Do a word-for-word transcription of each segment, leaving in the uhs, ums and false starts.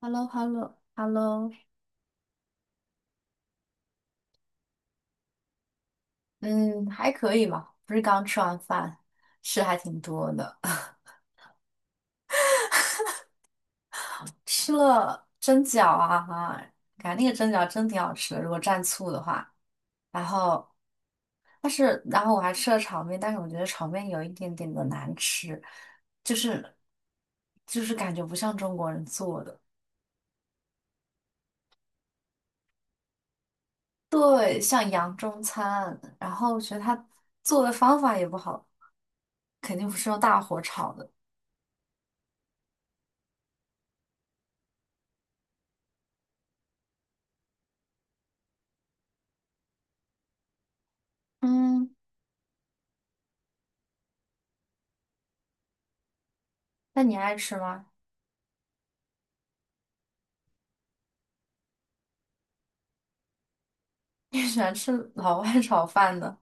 h e l l o h e l l o h e l l o 嗯，还可以吧，不是刚吃完饭，吃还挺多的，吃了蒸饺啊哈，感觉那个蒸饺真挺好吃的，如果蘸醋的话，然后但是然后我还吃了炒面，但是我觉得炒面有一点点的难吃，就是就是感觉不像中国人做的。对，像洋中餐，然后我觉得他做的方法也不好，肯定不是用大火炒的。嗯。那你爱吃吗？你喜欢吃老外炒饭的？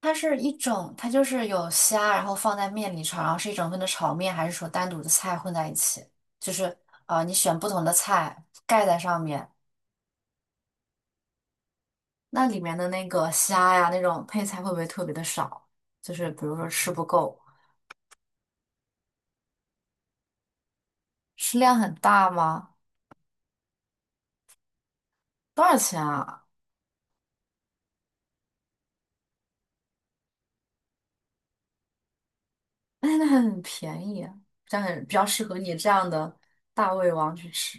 它是一种，它就是有虾，然后放在面里炒，然后是一整份的炒面，还是说单独的菜混在一起？就是呃，你选不同的菜盖在上面。那里面的那个虾呀，那种配菜会不会特别的少？就是比如说吃不够。食量很大吗？多少钱啊？哎，那很便宜啊，这样很比较适合你这样的大胃王去吃，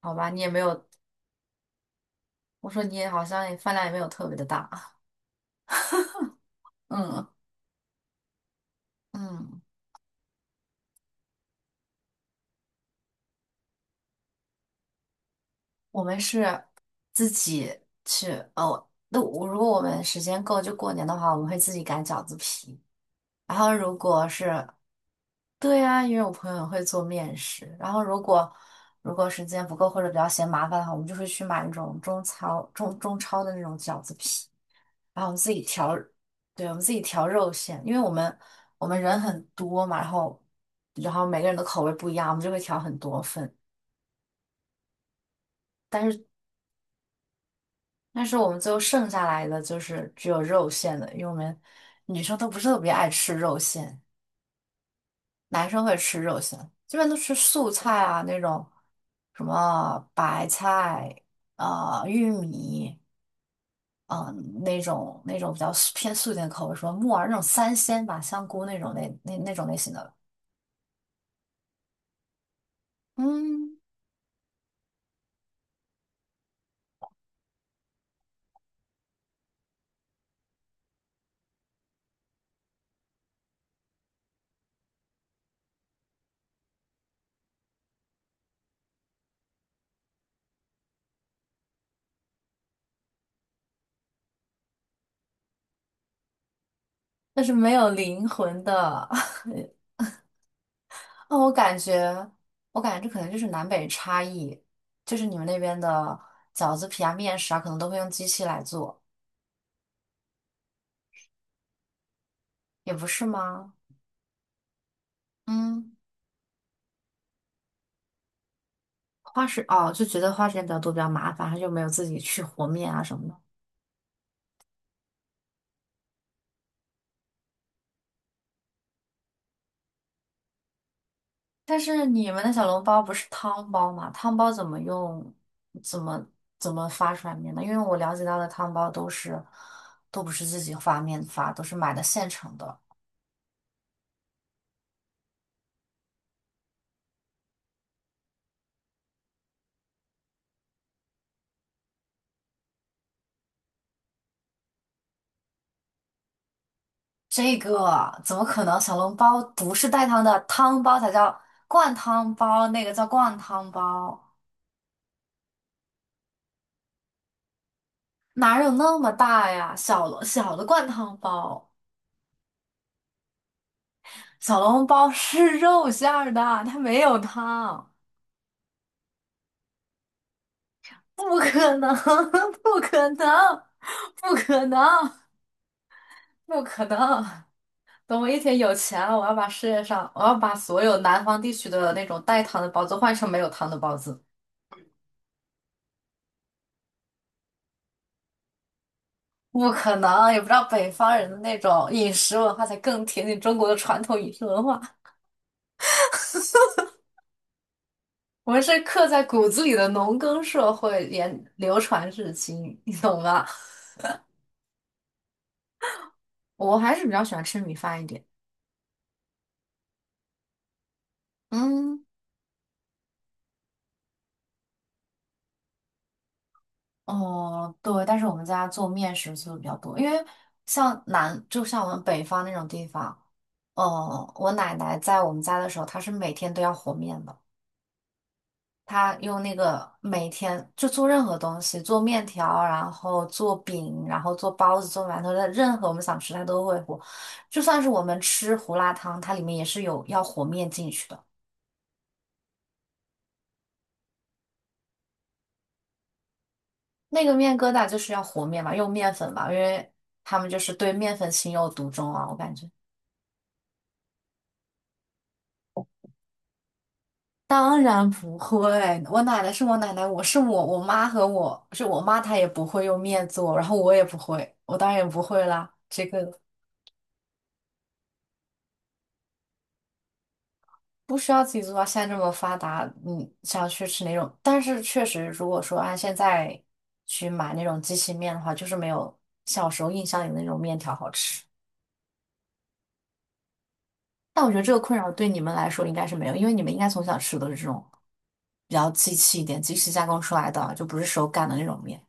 好吧？你也没有。我说你也好像也饭量也没有特别的大。嗯嗯，我们是自己去哦。那我如果我们时间够，就过年的话，我们会自己擀饺子皮。然后如果是，对啊，因为我朋友会做面食。然后如果如果时间不够或者比较嫌麻烦的话，我们就会去买那种中超中中超的那种饺子皮，然后我们自己调。对，我们自己调肉馅，因为我们我们人很多嘛，然后然后每个人的口味不一样，我们就会调很多份。但是。但是我们最后剩下来的就是只有肉馅的，因为我们女生都不是特别爱吃肉馅，男生会吃肉馅，基本都吃素菜啊那种，什么白菜、啊、玉米、啊那种那种比较素偏素一点的口味，什么木耳那种三鲜吧，香菇那种类那那种类型的，嗯，但是没有灵魂的。那我感觉，我感觉这可能就是南北差异，就是你们那边的饺子皮啊、面食啊，可能都会用机器来做，也不是吗？嗯，花时哦，就觉得花时间比较多，比较麻烦，他就没有自己去和面啊什么的。但是你们的小笼包不是汤包吗？汤包怎么用？怎么怎么发出来面呢？因为我了解到的汤包都是都不是自己发面发，都是买的现成的。这个怎么可能？小笼包不是带汤的，汤包才叫灌汤包，那个叫灌汤包。哪有那么大呀？小笼小的灌汤包，小笼包是肉馅儿的，它没有汤，不可能，不可能，不可能，不可能！等我一天有钱了，我要把世界上，我要把所有南方地区的那种带汤的包子换成没有汤的包子。不可能，也不知道北方人的那种饮食文化才更贴近中国的传统饮食文化。我们是刻在骨子里的农耕社会，连流传至今，你懂吗？我还是比较喜欢吃米饭一点。嗯，哦，对，但是我们家做面食做的比较多，因为像南，就像我们北方那种地方，呃，我奶奶在我们家的时候，她是每天都要和面的。他用那个每天就做任何东西，做面条，然后做饼，然后做包子、做馒头的，任何我们想吃他都会和。就算是我们吃胡辣汤，它里面也是有要和面进去的。那个面疙瘩就是要和面嘛，用面粉嘛，因为他们就是对面粉情有独钟啊，我感觉。当然不会，我奶奶是我奶奶，我是我，我妈和我是我妈，她也不会用面做，然后我也不会，我当然也不会啦，这个。不需要自己做，到现在这么发达，你想去吃哪种？但是确实，如果说按现在去买那种机器面的话，就是没有小时候印象里的那种面条好吃。但我觉得这个困扰对你们来说应该是没有，因为你们应该从小吃的都是这种比较机器一点、机器加工出来的，就不是手擀的那种面。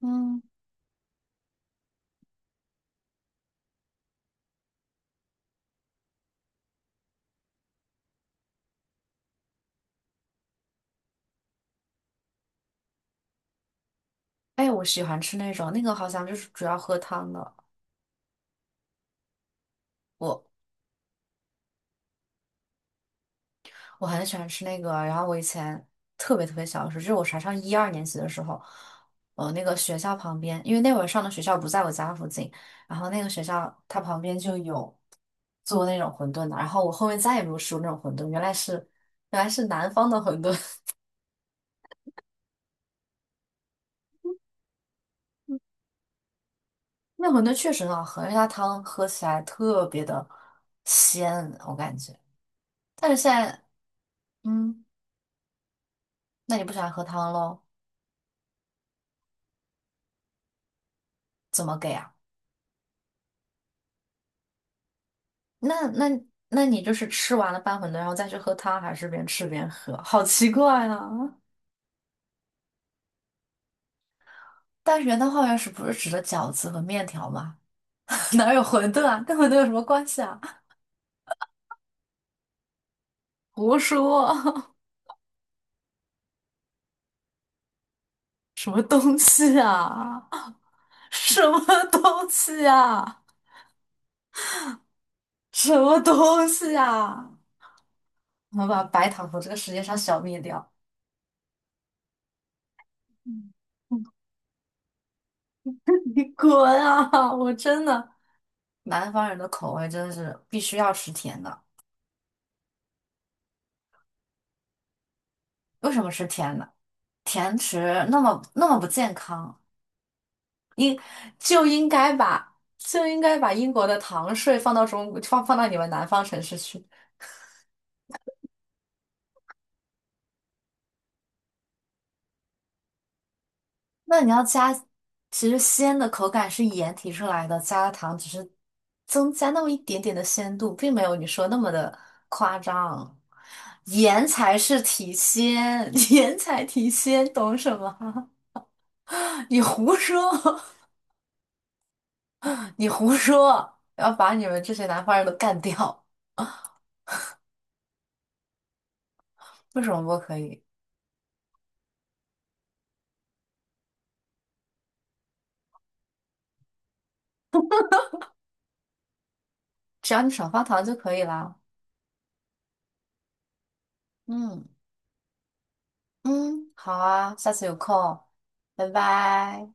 嗯，哎，我喜欢吃那种，那个好像就是主要喝汤的。我。我很喜欢吃那个，然后我以前特别特别小的时候，就是我才上一二年级的时候，呃，那个学校旁边，因为那会儿上的学校不在我家附近，然后那个学校它旁边就有做那种馄饨的。然后我后面再也没有吃过那种馄饨，原来是原来是南方的馄饨。那馄饨确实很好喝，而且它汤喝起来特别的鲜，我感觉。但是现在，嗯，那你不喜欢喝汤喽？怎么给啊？那那那你就是吃完了拌馄饨，然后再去喝汤，还是边吃边喝？好奇怪啊！但是元旦化学是不是指的饺子和面条吗？哪有馄饨啊？跟馄饨有什么关系啊？胡说！什么东西啊？什么东西啊？什么东西啊？我们把白糖从这个世界上消灭掉！嗯 你滚啊！我真的，南方人的口味真的是必须要吃甜的。为什么吃甜的？甜食那么那么不健康，就应该把就应该把英国的糖税放到中放放到你们南方城市去。那你要加，其实鲜的口感是盐提出来的，加了糖只是增加那么一点点的鲜度，并没有你说那么的夸张。盐才是提鲜，盐才提鲜，懂什么？你胡说，你胡说，要把你们这些南方人都干掉。为什么不可以？只要你少放糖就可以了。嗯嗯，好啊，下次有空，拜拜。